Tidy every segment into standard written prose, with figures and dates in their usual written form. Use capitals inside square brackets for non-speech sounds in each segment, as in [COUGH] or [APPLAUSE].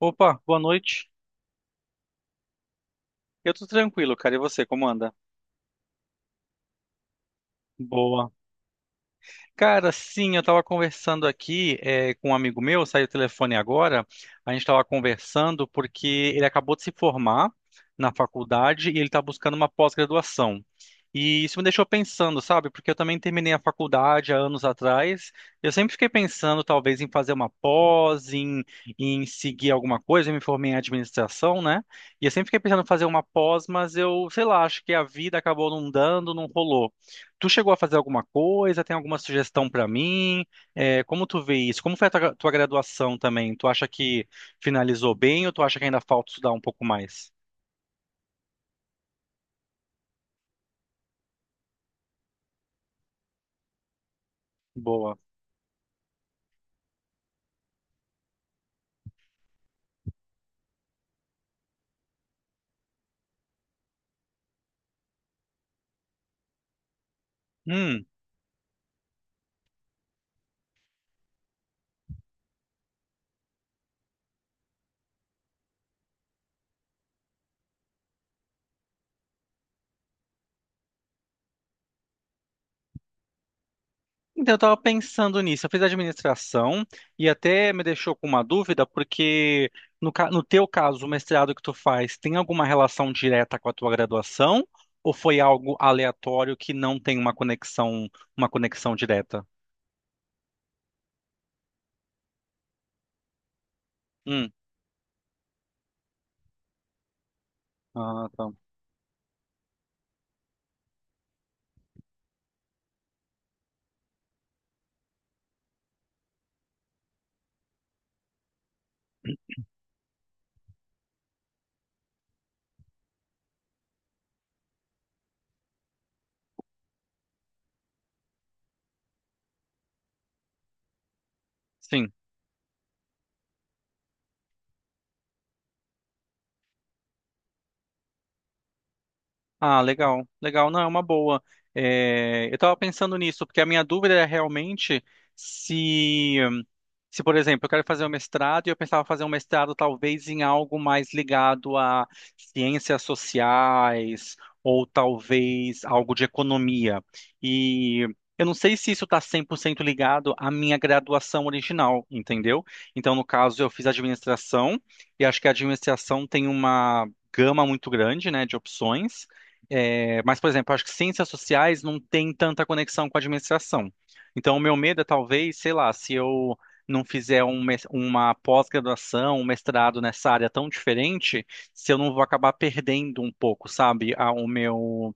Opa, boa noite. Eu tô tranquilo, cara. E você, como anda? Boa. Cara, sim, eu estava conversando aqui com um amigo meu, saiu o telefone agora. A gente estava conversando porque ele acabou de se formar na faculdade e ele está buscando uma pós-graduação. E isso me deixou pensando, sabe? Porque eu também terminei a faculdade há anos atrás. Eu sempre fiquei pensando, talvez, em fazer uma pós, em seguir alguma coisa. Eu me formei em administração, né? E eu sempre fiquei pensando em fazer uma pós, mas eu, sei lá, acho que a vida acabou não dando, não rolou. Tu chegou a fazer alguma coisa? Tem alguma sugestão para mim? É, como tu vê isso? Como foi a tua graduação também? Tu acha que finalizou bem ou tu acha que ainda falta estudar um pouco mais? Boa. Hum. Então, eu tava pensando nisso. Eu fiz administração e até me deixou com uma dúvida, porque no teu caso, o mestrado que tu faz tem alguma relação direta com a tua graduação ou foi algo aleatório que não tem uma conexão direta? Hum. Ah, tá. Sim. Ah, legal, legal. Não, é uma boa. É, eu estava pensando nisso, porque a minha dúvida é realmente se se, por exemplo, eu quero fazer um mestrado e eu pensava fazer um mestrado talvez em algo mais ligado a ciências sociais ou talvez algo de economia. E eu não sei se isso está 100% ligado à minha graduação original, entendeu? Então, no caso, eu fiz administração e acho que a administração tem uma gama muito grande, né, de opções. É, mas, por exemplo, acho que ciências sociais não tem tanta conexão com a administração. Então, o meu medo é talvez, sei lá, se eu não fizer uma pós-graduação, um mestrado nessa área tão diferente, se eu não vou acabar perdendo um pouco, sabe, a- o meu, o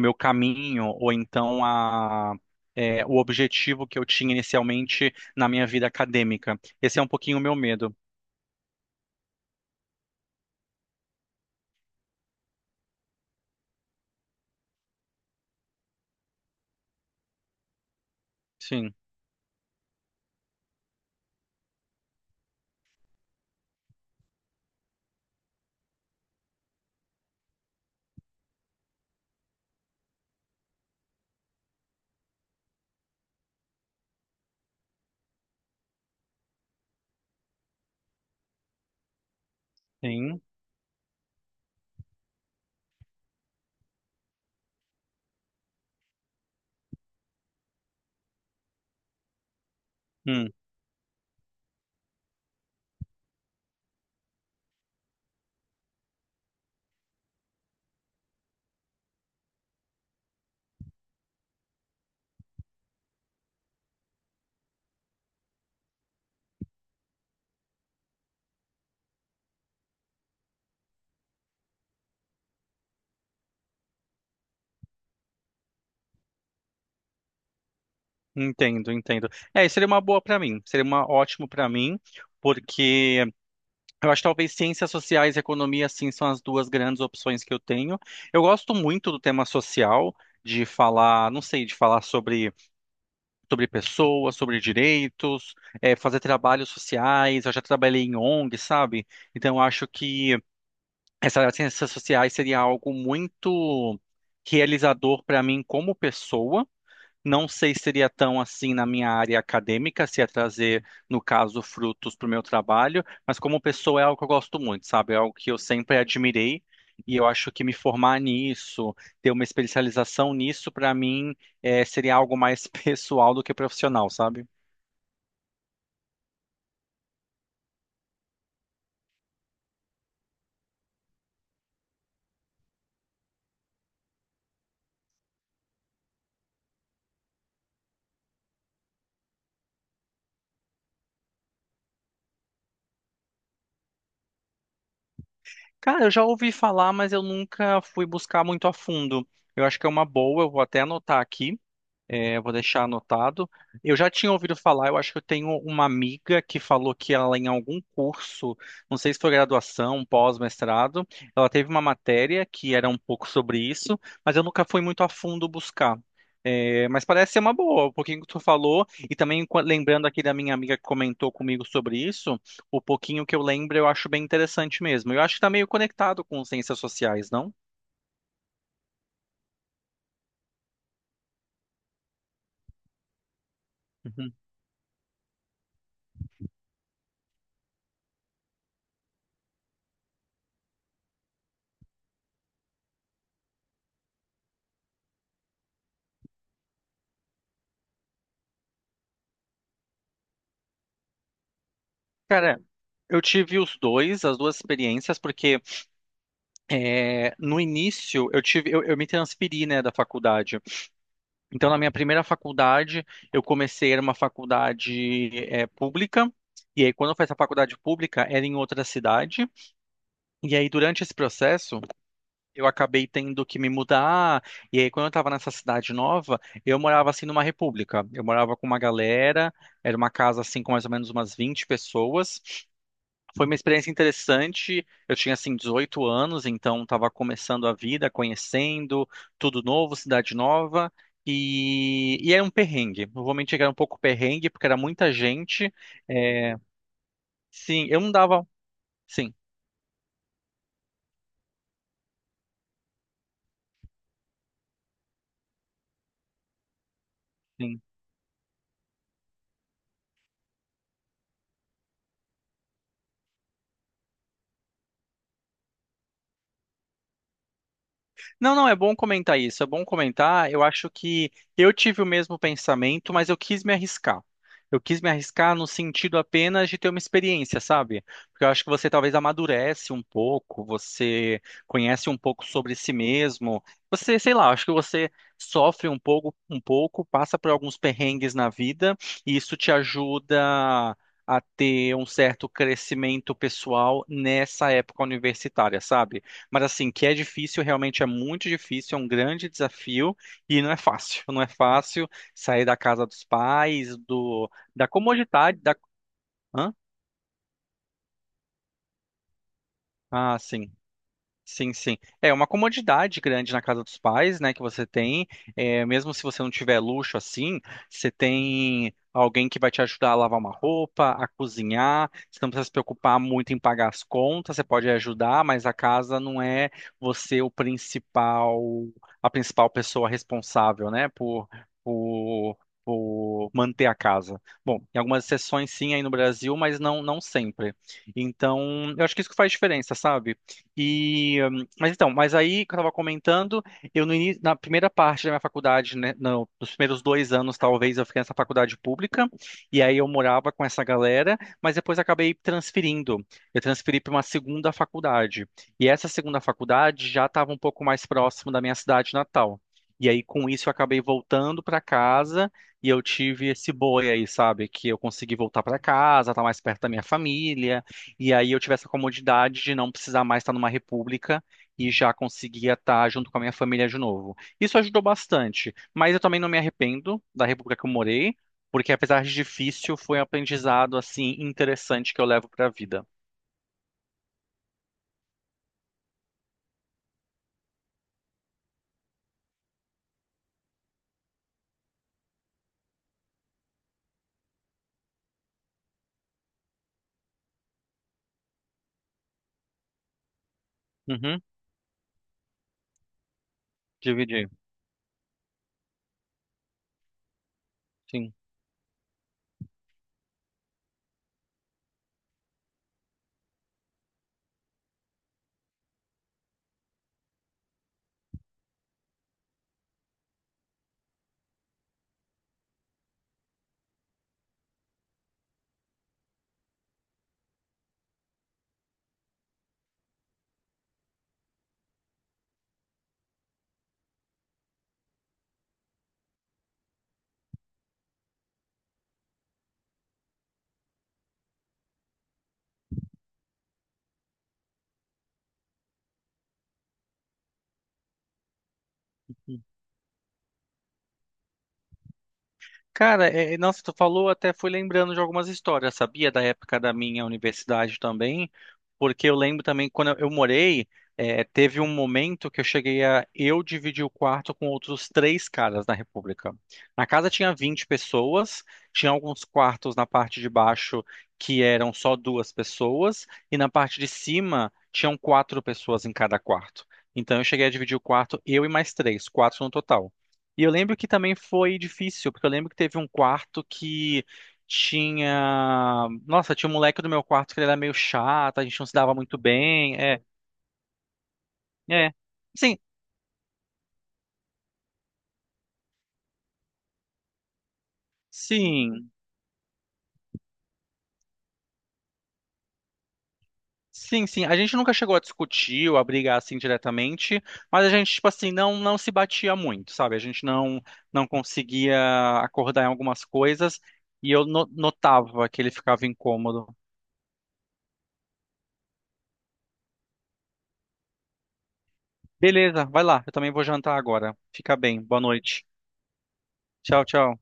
meu caminho, ou então o objetivo que eu tinha inicialmente na minha vida acadêmica. Esse é um pouquinho o meu medo. Sim, sim. Hum, entendo, entendo. É, isso seria uma boa para mim, seria uma ótimo para mim, porque eu acho que talvez ciências sociais e economia, assim, são as duas grandes opções que eu tenho. Eu gosto muito do tema social, de falar, não sei, de falar sobre pessoas, sobre direitos, fazer trabalhos sociais. Eu já trabalhei em ONG, sabe? Então, eu acho que essa área de ciências sociais seria algo muito realizador para mim como pessoa. Não sei se seria tão assim na minha área acadêmica, se ia trazer, no caso, frutos para o meu trabalho, mas como pessoa é algo que eu gosto muito, sabe? É algo que eu sempre admirei e eu acho que me formar nisso, ter uma especialização nisso, para mim, seria algo mais [LAUGHS] pessoal do que profissional, sabe? Cara, eu já ouvi falar, mas eu nunca fui buscar muito a fundo. Eu acho que é uma boa, eu vou até anotar aqui. Eu vou deixar anotado. Eu já tinha ouvido falar, eu acho que eu tenho uma amiga que falou que ela, em algum curso, não sei se foi graduação, pós-mestrado, ela teve uma matéria que era um pouco sobre isso, mas eu nunca fui muito a fundo buscar. É, mas parece ser uma boa, o pouquinho que tu falou, e também lembrando aqui da minha amiga que comentou comigo sobre isso, o pouquinho que eu lembro eu acho bem interessante mesmo. Eu acho que tá meio conectado com ciências sociais, não? Uhum. Cara, eu tive os dois, as duas experiências, porque no início, eu me transferi, né, da faculdade. Então, na minha primeira faculdade, eu comecei era uma faculdade pública. E aí, quando eu fiz a faculdade pública, era em outra cidade. E aí, durante esse processo, eu acabei tendo que me mudar. E aí, quando eu estava nessa cidade nova, eu morava assim numa república. Eu morava com uma galera. Era uma casa assim com mais ou menos umas 20 pessoas. Foi uma experiência interessante. Eu tinha assim 18 anos, então estava começando a vida, conhecendo tudo novo, cidade nova. E era um perrengue. Não era um pouco perrengue, porque era muita gente. É, sim, eu não dava. Sim, sim. Não, não, é bom comentar isso, é bom comentar. Eu acho que eu tive o mesmo pensamento, mas eu quis me arriscar. Eu quis me arriscar no sentido apenas de ter uma experiência, sabe? Porque eu acho que você talvez amadurece um pouco, você conhece um pouco sobre si mesmo. Você, sei lá, acho que você sofre um pouco, passa por alguns perrengues na vida, e isso te ajuda a ter um certo crescimento pessoal nessa época universitária, sabe? Mas assim, que é difícil, realmente é muito difícil, é um grande desafio e não é fácil. [LAUGHS] Não é fácil sair da casa dos pais, do da comodidade. Hã? Ah, sim. Sim, sim. É uma comodidade grande na casa dos pais, né, que você tem. É, mesmo se você não tiver luxo assim, você tem alguém que vai te ajudar a lavar uma roupa, a cozinhar. Você não precisa se preocupar muito em pagar as contas, você pode ajudar, mas a casa não é você o principal, a principal pessoa responsável, né, por por manter a casa. Bom, em algumas exceções sim aí no Brasil, mas não sempre. Então, eu acho que isso que faz diferença, sabe? E, mas então, mas aí que eu estava comentando, eu no início, na primeira parte da minha faculdade, né, não, nos primeiros 2 anos talvez eu fiquei nessa faculdade pública e aí eu morava com essa galera, mas depois acabei transferindo. Eu transferi para uma segunda faculdade e essa segunda faculdade já estava um pouco mais próximo da minha cidade natal. E aí com isso eu acabei voltando para casa e eu tive esse boi aí, sabe, que eu consegui voltar para casa, tá mais perto da minha família. E aí eu tive essa comodidade de não precisar mais estar numa república e já conseguia estar junto com a minha família de novo. Isso ajudou bastante, mas eu também não me arrependo da república que eu morei, porque apesar de difícil, foi um aprendizado assim interessante que eu levo para a vida. Uhum, dividir, sim. Cara, nossa, tu falou, até fui lembrando de algumas histórias, sabia? Da época da minha universidade também, porque eu lembro também quando eu morei, teve um momento que eu cheguei a eu dividir o quarto com outros três caras na República. Na casa tinha 20 pessoas, tinha alguns quartos na parte de baixo que eram só duas pessoas, e na parte de cima tinham quatro pessoas em cada quarto. Então eu cheguei a dividir o quarto, eu e mais três, quatro no total. E eu lembro que também foi difícil, porque eu lembro que teve um quarto que tinha. Nossa, tinha um moleque do meu quarto que ele era meio chato, a gente não se dava muito bem. É, é. Sim, sim. Sim, sim. A gente nunca chegou a discutir ou a brigar assim diretamente, mas a gente, tipo assim, não se batia muito, sabe? A gente não conseguia acordar em algumas coisas e eu notava que ele ficava incômodo. Beleza, vai lá, eu também vou jantar agora. Fica bem, boa noite. Tchau, tchau.